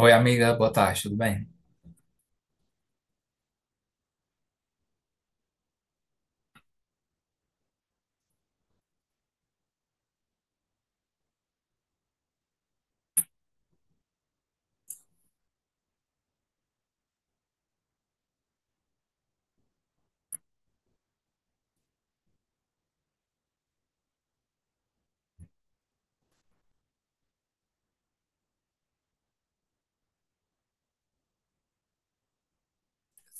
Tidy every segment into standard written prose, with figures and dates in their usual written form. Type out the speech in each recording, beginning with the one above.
Oi, amiga, boa tarde, tudo bem?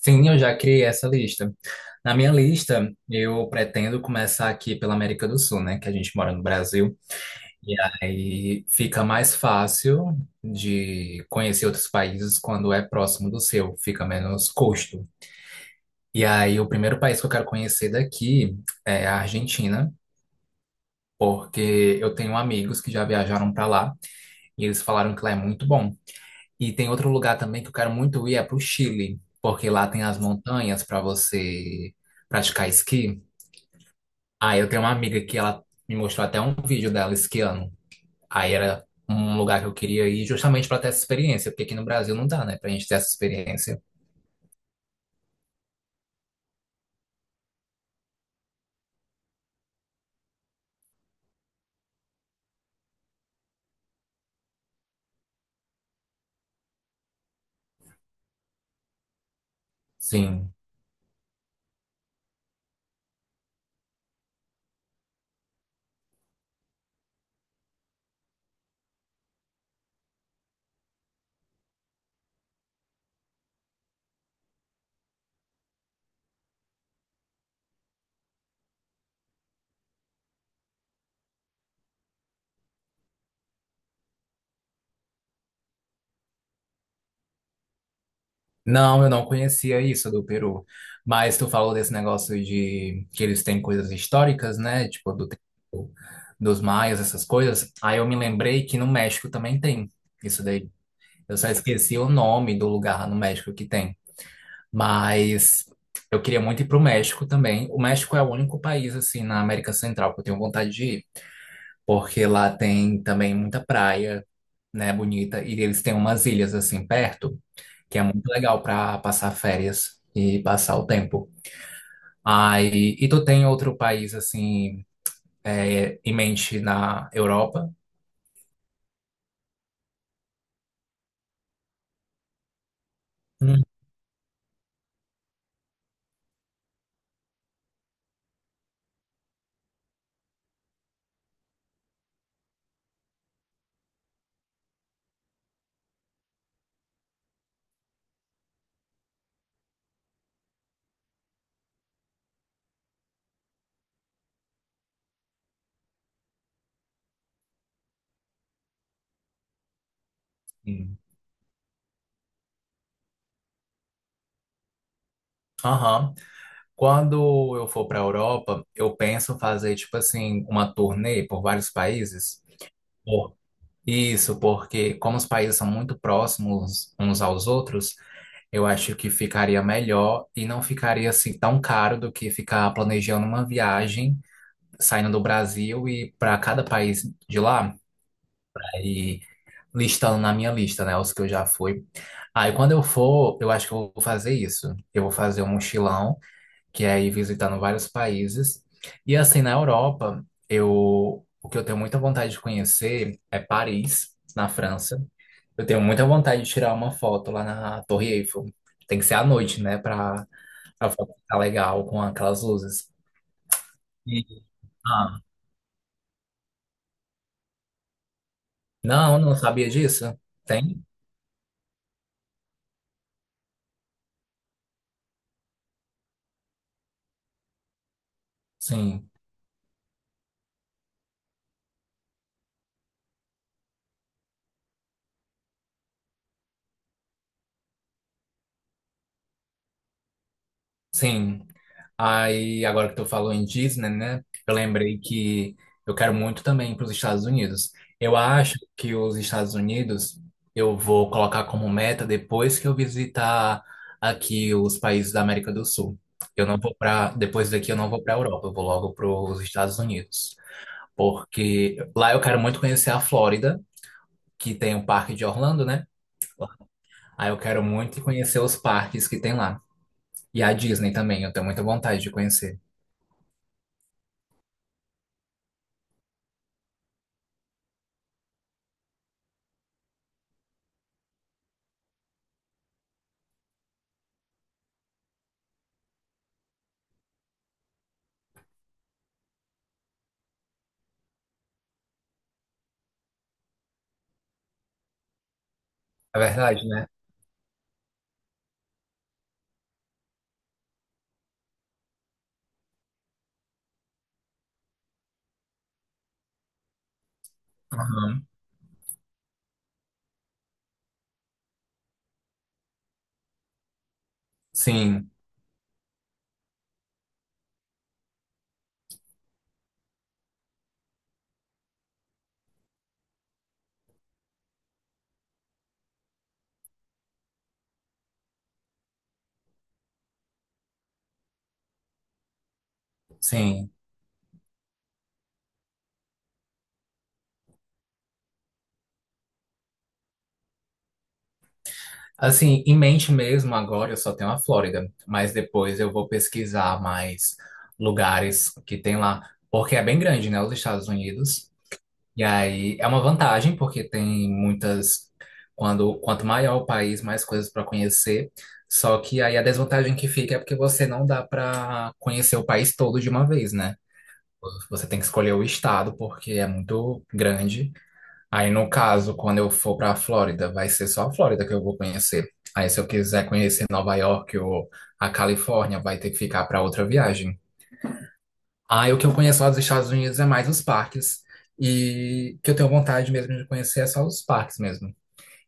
Sim, eu já criei essa lista. Na minha lista, eu pretendo começar aqui pela América do Sul, né? Que a gente mora no Brasil. E aí fica mais fácil de conhecer outros países quando é próximo do seu, fica menos custo. E aí, o primeiro país que eu quero conhecer daqui é a Argentina, porque eu tenho amigos que já viajaram para lá e eles falaram que lá é muito bom. E tem outro lugar também que eu quero muito ir é pro Chile, porque lá tem as montanhas para você praticar esqui. Aí eu tenho uma amiga que ela me mostrou até um vídeo dela esquiando. Aí era um lugar que eu queria ir justamente para ter essa experiência, porque aqui no Brasil não dá, né, pra gente ter essa experiência. Sim. Não, eu não conhecia isso do Peru. Mas tu falou desse negócio de que eles têm coisas históricas, né? Tipo, dos maias, essas coisas. Aí eu me lembrei que no México também tem isso daí. Eu só esqueci o nome do lugar lá no México que tem. Mas eu queria muito ir pro México também. O México é o único país, assim, na América Central que eu tenho vontade de ir. Porque lá tem também muita praia, né, bonita. E eles têm umas ilhas, assim, perto, que é muito legal pra passar férias e passar o tempo. Aí, e tu tem outro país, assim, em mente na Europa? Hum. Aham. Quando eu for para a Europa, eu penso fazer, tipo assim, uma turnê por vários países. Por- Isso, porque como os países são muito próximos uns aos outros, eu acho que ficaria melhor e não ficaria assim tão caro do que ficar planejando uma viagem, saindo do Brasil e para cada país de lá, né, e listando na minha lista, né, os que eu já fui. Aí quando eu for, eu acho que eu vou fazer isso. Eu vou fazer um mochilão que é ir visitando vários países. E assim, na Europa, eu o que eu tenho muita vontade de conhecer é Paris, na França. Eu tenho muita vontade de tirar uma foto lá na Torre Eiffel. Tem que ser à noite, né, para a foto ficar legal com aquelas luzes. E- ah, não, não sabia disso. Tem? Sim. Sim. Aí, agora que tu falou em Disney, né? Eu lembrei que eu quero muito também para os Estados Unidos. Eu acho que os Estados Unidos eu vou colocar como meta depois que eu visitar aqui os países da América do Sul. Eu não vou para, depois daqui eu não vou para a Europa, eu vou logo para os Estados Unidos, porque lá eu quero muito conhecer a Flórida, que tem o Parque de Orlando, né? Aí eu quero muito conhecer os parques que tem lá. E a Disney também, eu tenho muita vontade de conhecer. É verdade, né? Uhum. Sim, sim. Assim, em mente mesmo, agora eu só tenho a Flórida, mas depois eu vou pesquisar mais lugares que tem lá, porque é bem grande, né? Os Estados Unidos. E aí é uma vantagem, porque tem muitas. Quanto maior o país, mais coisas para conhecer. Só que aí a desvantagem que fica é porque você não dá para conhecer o país todo de uma vez, né? Você tem que escolher o estado, porque é muito grande. Aí, no caso, quando eu for para a Flórida, vai ser só a Flórida que eu vou conhecer. Aí, se eu quiser conhecer Nova York ou a Califórnia, vai ter que ficar para outra viagem. Aí, o que eu conheço lá dos Estados Unidos é mais os parques. E que eu tenho vontade mesmo de conhecer é só os parques mesmo.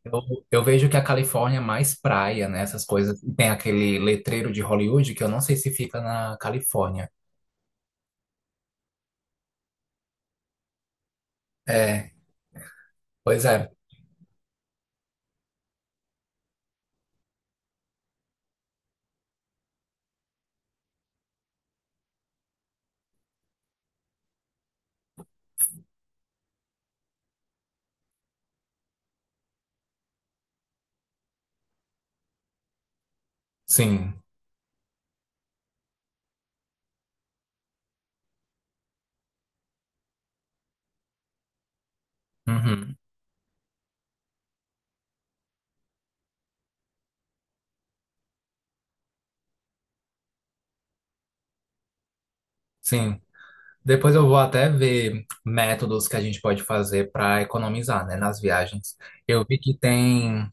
Eu, eu vejo que a Califórnia é mais praia, né? Essas coisas. E tem aquele letreiro de Hollywood que eu não sei se fica na Califórnia. É, pois é. Sim. Uhum. Sim. Depois eu vou até ver métodos que a gente pode fazer para economizar, né, nas viagens. Eu vi que tem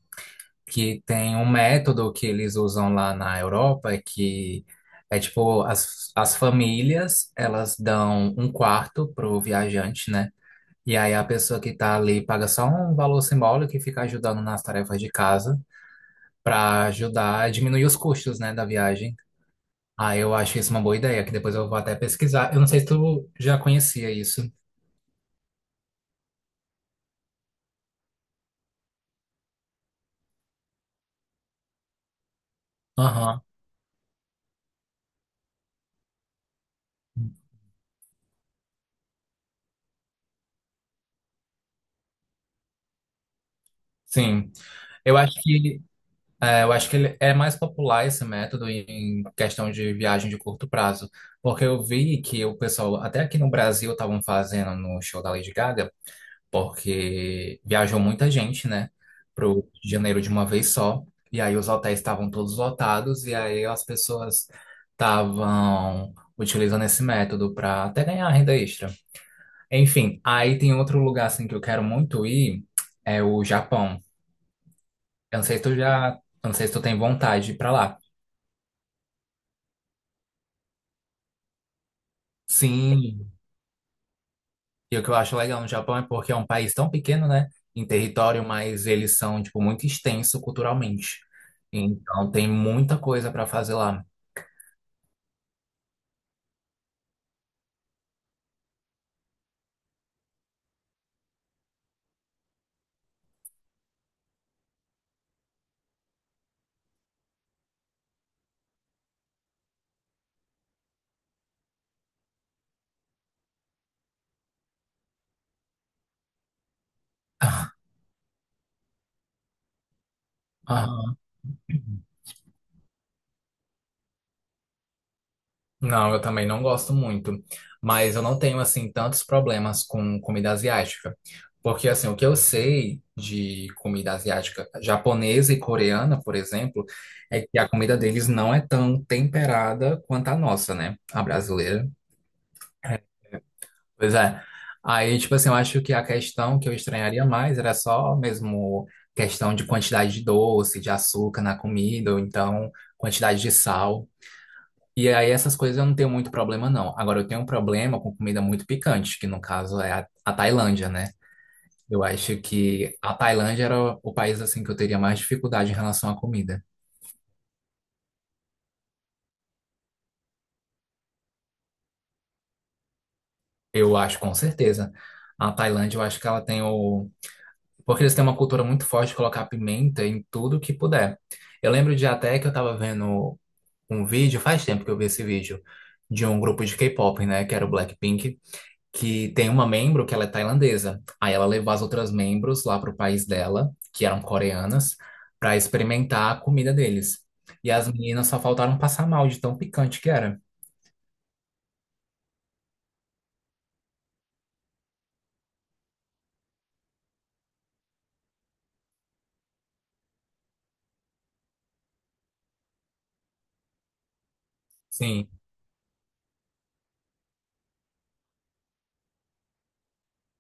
que tem um método que eles usam lá na Europa que é tipo as famílias, elas dão um quarto pro viajante, né? E aí a pessoa que tá ali paga só um valor simbólico e fica ajudando nas tarefas de casa para ajudar a diminuir os custos, né, da viagem. Ah, eu acho isso uma boa ideia, que depois eu vou até pesquisar. Eu não sei se tu já conhecia isso. Aham. Sim. Eu acho que eu acho que ele é mais popular esse método em questão de viagem de curto prazo, porque eu vi que o pessoal até aqui no Brasil estavam fazendo no show da Lady Gaga, porque viajou muita gente, né, pro Rio de Janeiro de uma vez só, e aí os hotéis estavam todos lotados e aí as pessoas estavam utilizando esse método para até ganhar renda extra. Enfim, aí tem outro lugar assim que eu quero muito ir, é o Japão. Eu não sei se tu já, eu não sei se tu tem vontade de ir pra lá. Sim, e o que eu acho legal no Japão é porque é um país tão pequeno, né, em território, mas eles são, tipo, muito extenso culturalmente. Então tem muita coisa pra fazer lá. Não, eu também não gosto muito, mas eu não tenho assim tantos problemas com comida asiática, porque assim, o que eu sei de comida asiática, japonesa e coreana, por exemplo, é que a comida deles não é tão temperada quanto a nossa, né? A brasileira. Pois é. Aí, tipo assim, eu acho que a questão que eu estranharia mais era só mesmo questão de quantidade de doce, de açúcar na comida, ou então quantidade de sal. E aí essas coisas eu não tenho muito problema, não. Agora eu tenho um problema com comida muito picante, que no caso é a Tailândia, né? Eu acho que a Tailândia era o país assim que eu teria mais dificuldade em relação à comida. Eu acho, com certeza. A Tailândia, eu acho que ela tem o. Porque eles têm uma cultura muito forte de colocar pimenta em tudo que puder. Eu lembro de até que eu tava vendo um vídeo, faz tempo que eu vi esse vídeo, de um grupo de K-pop, né? Que era o Blackpink que tem uma membro que ela é tailandesa. Aí ela levou as outras membros lá pro país dela, que eram coreanas, para experimentar a comida deles. E as meninas só faltaram passar mal de tão picante que era. Sim.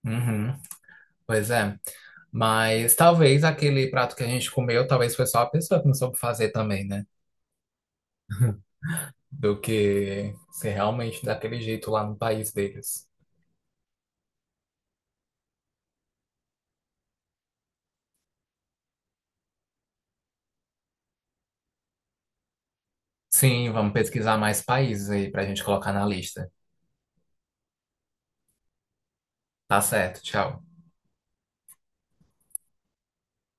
Uhum. Pois é. Mas talvez aquele prato que a gente comeu, talvez foi só a pessoa que não soube fazer também, né? Do que ser realmente daquele jeito lá no país deles. Sim, vamos pesquisar mais países aí pra gente colocar na lista. Tá certo, tchau.